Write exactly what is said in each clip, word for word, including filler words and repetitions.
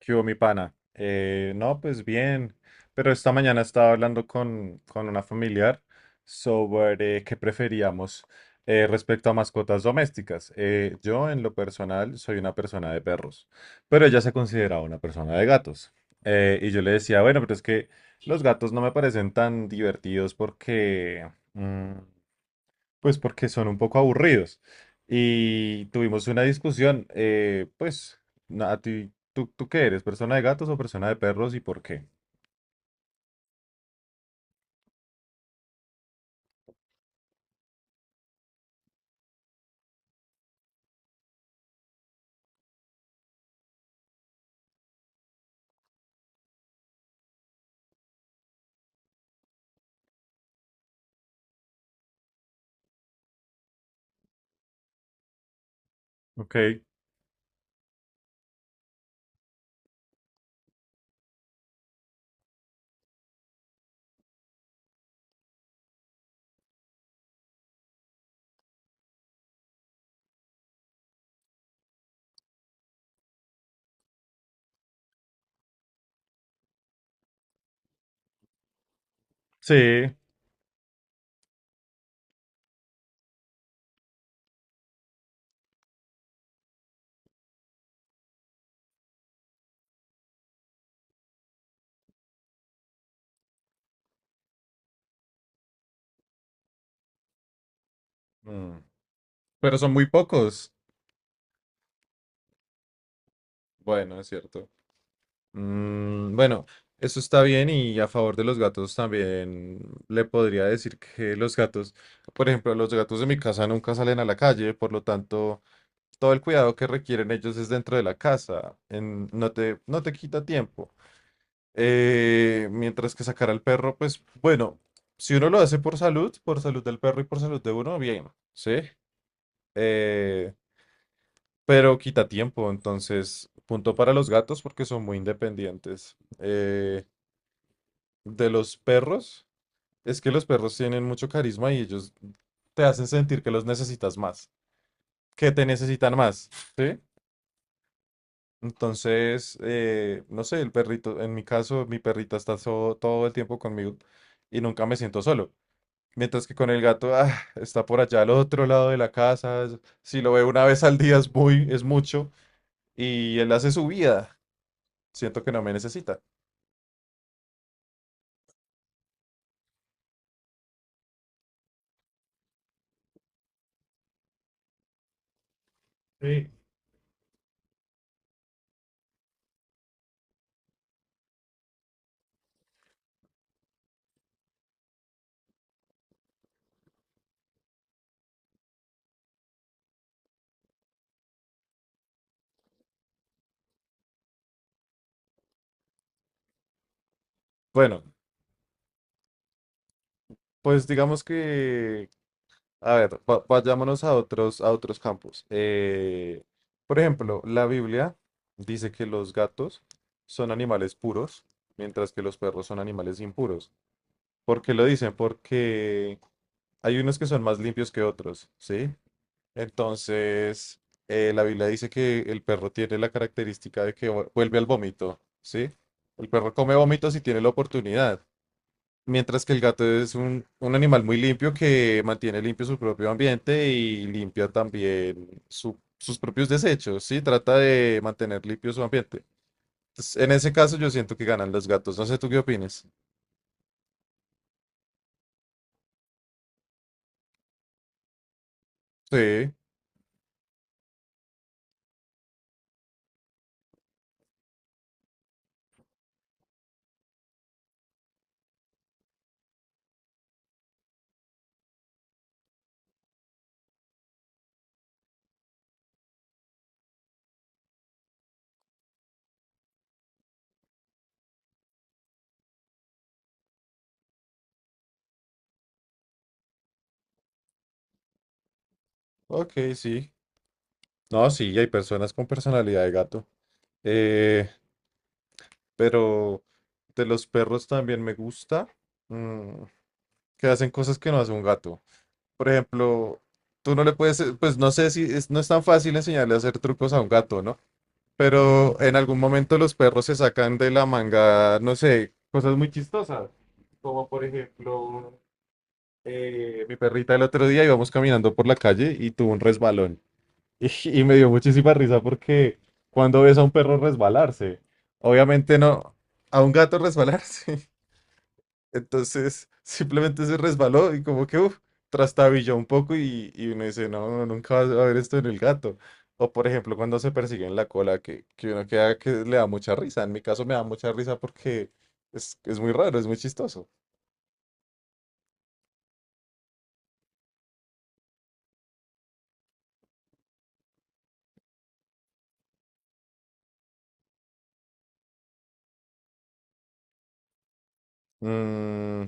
¿Qué hubo, mi pana? Eh, no, pues bien, pero esta mañana estaba hablando con, con una familiar sobre qué preferíamos eh, respecto a mascotas domésticas. Eh, yo, en lo personal, soy una persona de perros, pero ella se consideraba una persona de gatos. Eh, y yo le decía, bueno, pero es que los gatos no me parecen tan divertidos porque... mm, pues porque son un poco aburridos. Y tuvimos una discusión, eh, pues, na- a ti, ¿tú, tú qué eres? ¿Persona de gatos o persona de perros y por qué? Ok. Sí. mm, Pero son muy pocos. Bueno, es cierto. Mm, bueno, eso está bien y a favor de los gatos también le podría decir que los gatos, por ejemplo, los gatos de mi casa nunca salen a la calle, por lo tanto, todo el cuidado que requieren ellos es dentro de la casa. en- no te, no te quita tiempo. Eh, mientras que sacar al perro, pues bueno, si uno lo hace por salud, por salud del perro y por salud de uno, bien, ¿sí? Eh, pero quita tiempo, entonces, punto para los gatos porque son muy independientes. Eh, de los perros, es que los perros tienen mucho carisma y ellos te hacen sentir que los necesitas más, que te necesitan más, ¿sí? Entonces, eh, no sé, el perrito, en mi caso, mi perrita está so- todo el tiempo conmigo y nunca me siento solo. Mientras que con el gato, ah, está por allá al otro lado de la casa. es- Si lo veo una vez al día es muy, es mucho. Y él hace su vida. Siento que no me necesita. Sí. Bueno, pues digamos que, a ver, va- vayámonos a otros, a otros campos. Eh, por ejemplo, la Biblia dice que los gatos son animales puros, mientras que los perros son animales impuros. ¿Por qué lo dicen? Porque hay unos que son más limpios que otros, ¿sí? Entonces, eh, la Biblia dice que el perro tiene la característica de que vu- vuelve al vómito, ¿sí? El perro come vómito si tiene la oportunidad, mientras que el gato es un, un animal muy limpio que mantiene limpio su propio ambiente y limpia también su- sus propios desechos, ¿sí? Trata de mantener limpio su ambiente. Entonces, en ese caso yo siento que ganan los gatos, no sé tú qué opinas. Sí, ok, sí. No, sí, hay personas con personalidad de gato. Eh, Pero de los perros también me gusta mm, que hacen cosas que no hace un gato. Por ejemplo, tú no le puedes, eh, pues no sé si es- no es tan fácil enseñarle a hacer trucos a un gato, ¿no? Pero en algún momento los perros se sacan de la manga, no sé, cosas muy chistosas. Como por ejemplo, eh, mi perrita el otro día íbamos caminando por la calle y tuvo un resbalón. Y, y me dio muchísima risa porque cuando ves a un perro resbalarse, obviamente no, a un gato resbalarse. Entonces simplemente se resbaló y como que uf, trastabilló un poco y, y uno dice, no, no, nunca vas a ver esto en el gato. O por ejemplo, cuando se persiguen la cola, que, que uno queda que le da mucha risa. En mi caso me da mucha risa porque es, es muy raro, es muy chistoso. Mm,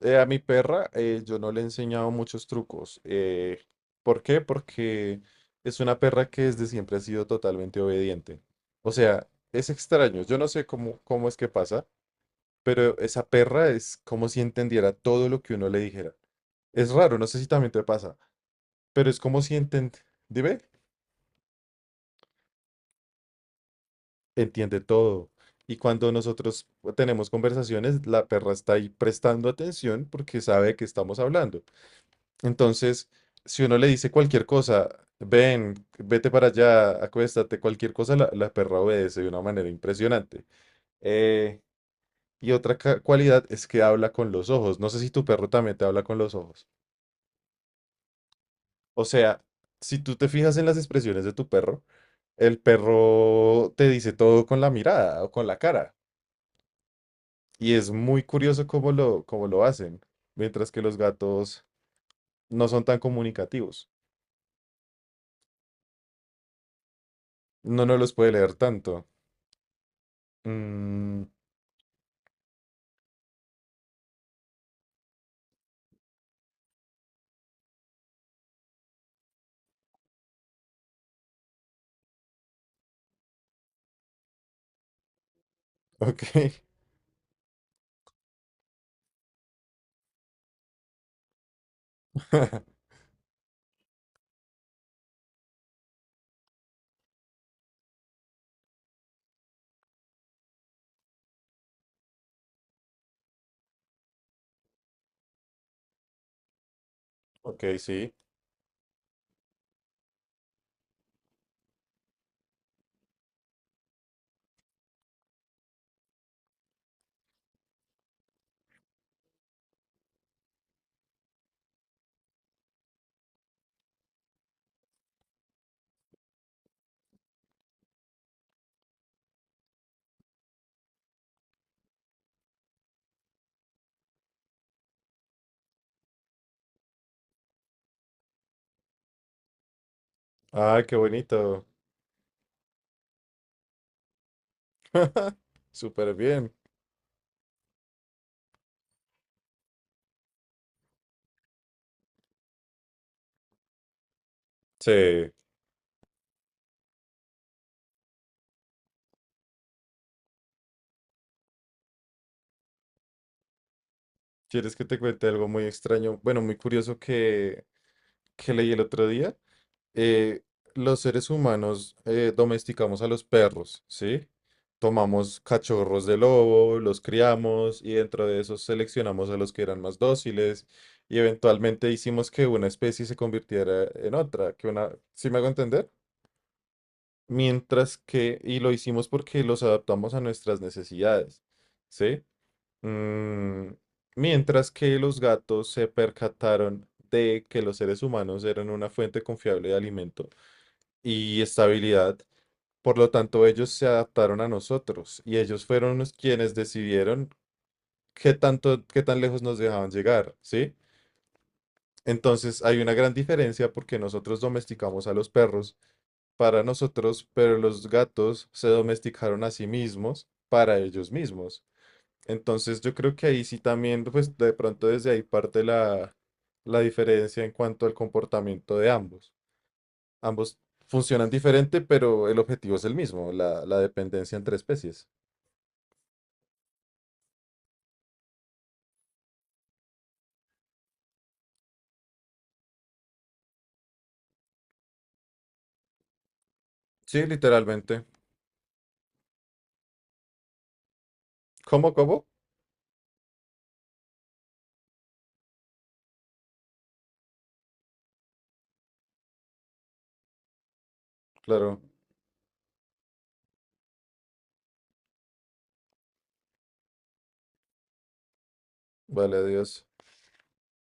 Eh, a mi perra eh, yo no le he enseñado muchos trucos. Eh, ¿por qué? Porque es una perra que desde siempre ha sido totalmente obediente. O sea, es extraño. Yo no sé cómo, cómo es que pasa, pero esa perra es como si entendiera todo lo que uno le dijera. Es raro, no sé si también te pasa, pero es como si entendiera, dime, entiende todo. Y cuando nosotros tenemos conversaciones, la perra está ahí prestando atención porque sabe que estamos hablando. Entonces, si uno le dice cualquier cosa, ven, vete para allá, acuéstate, cualquier cosa, la, la perra obedece de una manera impresionante. Eh, y otra ca- cualidad es que habla con los ojos. No sé si tu perro también te habla con los ojos. O sea, si tú te fijas en las expresiones de tu perro, el perro te dice todo con la mirada o con la cara. Y es muy curioso cómo lo, cómo lo hacen, mientras que los gatos no son tan comunicativos. No, no los puede leer tanto. Mm. Ok. Ok, sí. Ah, qué bonito. Súper bien. Sí. ¿Quieres que te cuente algo muy extraño? Bueno, muy curioso que, que leí el otro día. Eh, los seres humanos eh, domesticamos a los perros, ¿sí? Tomamos cachorros de lobo, los criamos y dentro de esos seleccionamos a los que eran más dóciles y eventualmente hicimos que una especie se convirtiera en otra, que una, ¿sí me hago entender? Mientras que, y lo hicimos porque los adaptamos a nuestras necesidades, ¿sí? Mm, Mientras que los gatos se percataron de que los seres humanos eran una fuente confiable de alimento y estabilidad, por lo tanto ellos se adaptaron a nosotros y ellos fueron los quienes decidieron qué tanto, qué tan lejos nos dejaban llegar, ¿sí? Entonces hay una gran diferencia porque nosotros domesticamos a los perros para nosotros, pero los gatos se domesticaron a sí mismos para ellos mismos. Entonces yo creo que ahí sí también, pues de pronto desde ahí parte la, la diferencia en cuanto al comportamiento de ambos. Ambos funcionan diferente, pero el objetivo es el mismo, la, la dependencia entre especies. Sí, literalmente. ¿Cómo, cómo? Claro. Vale, adiós.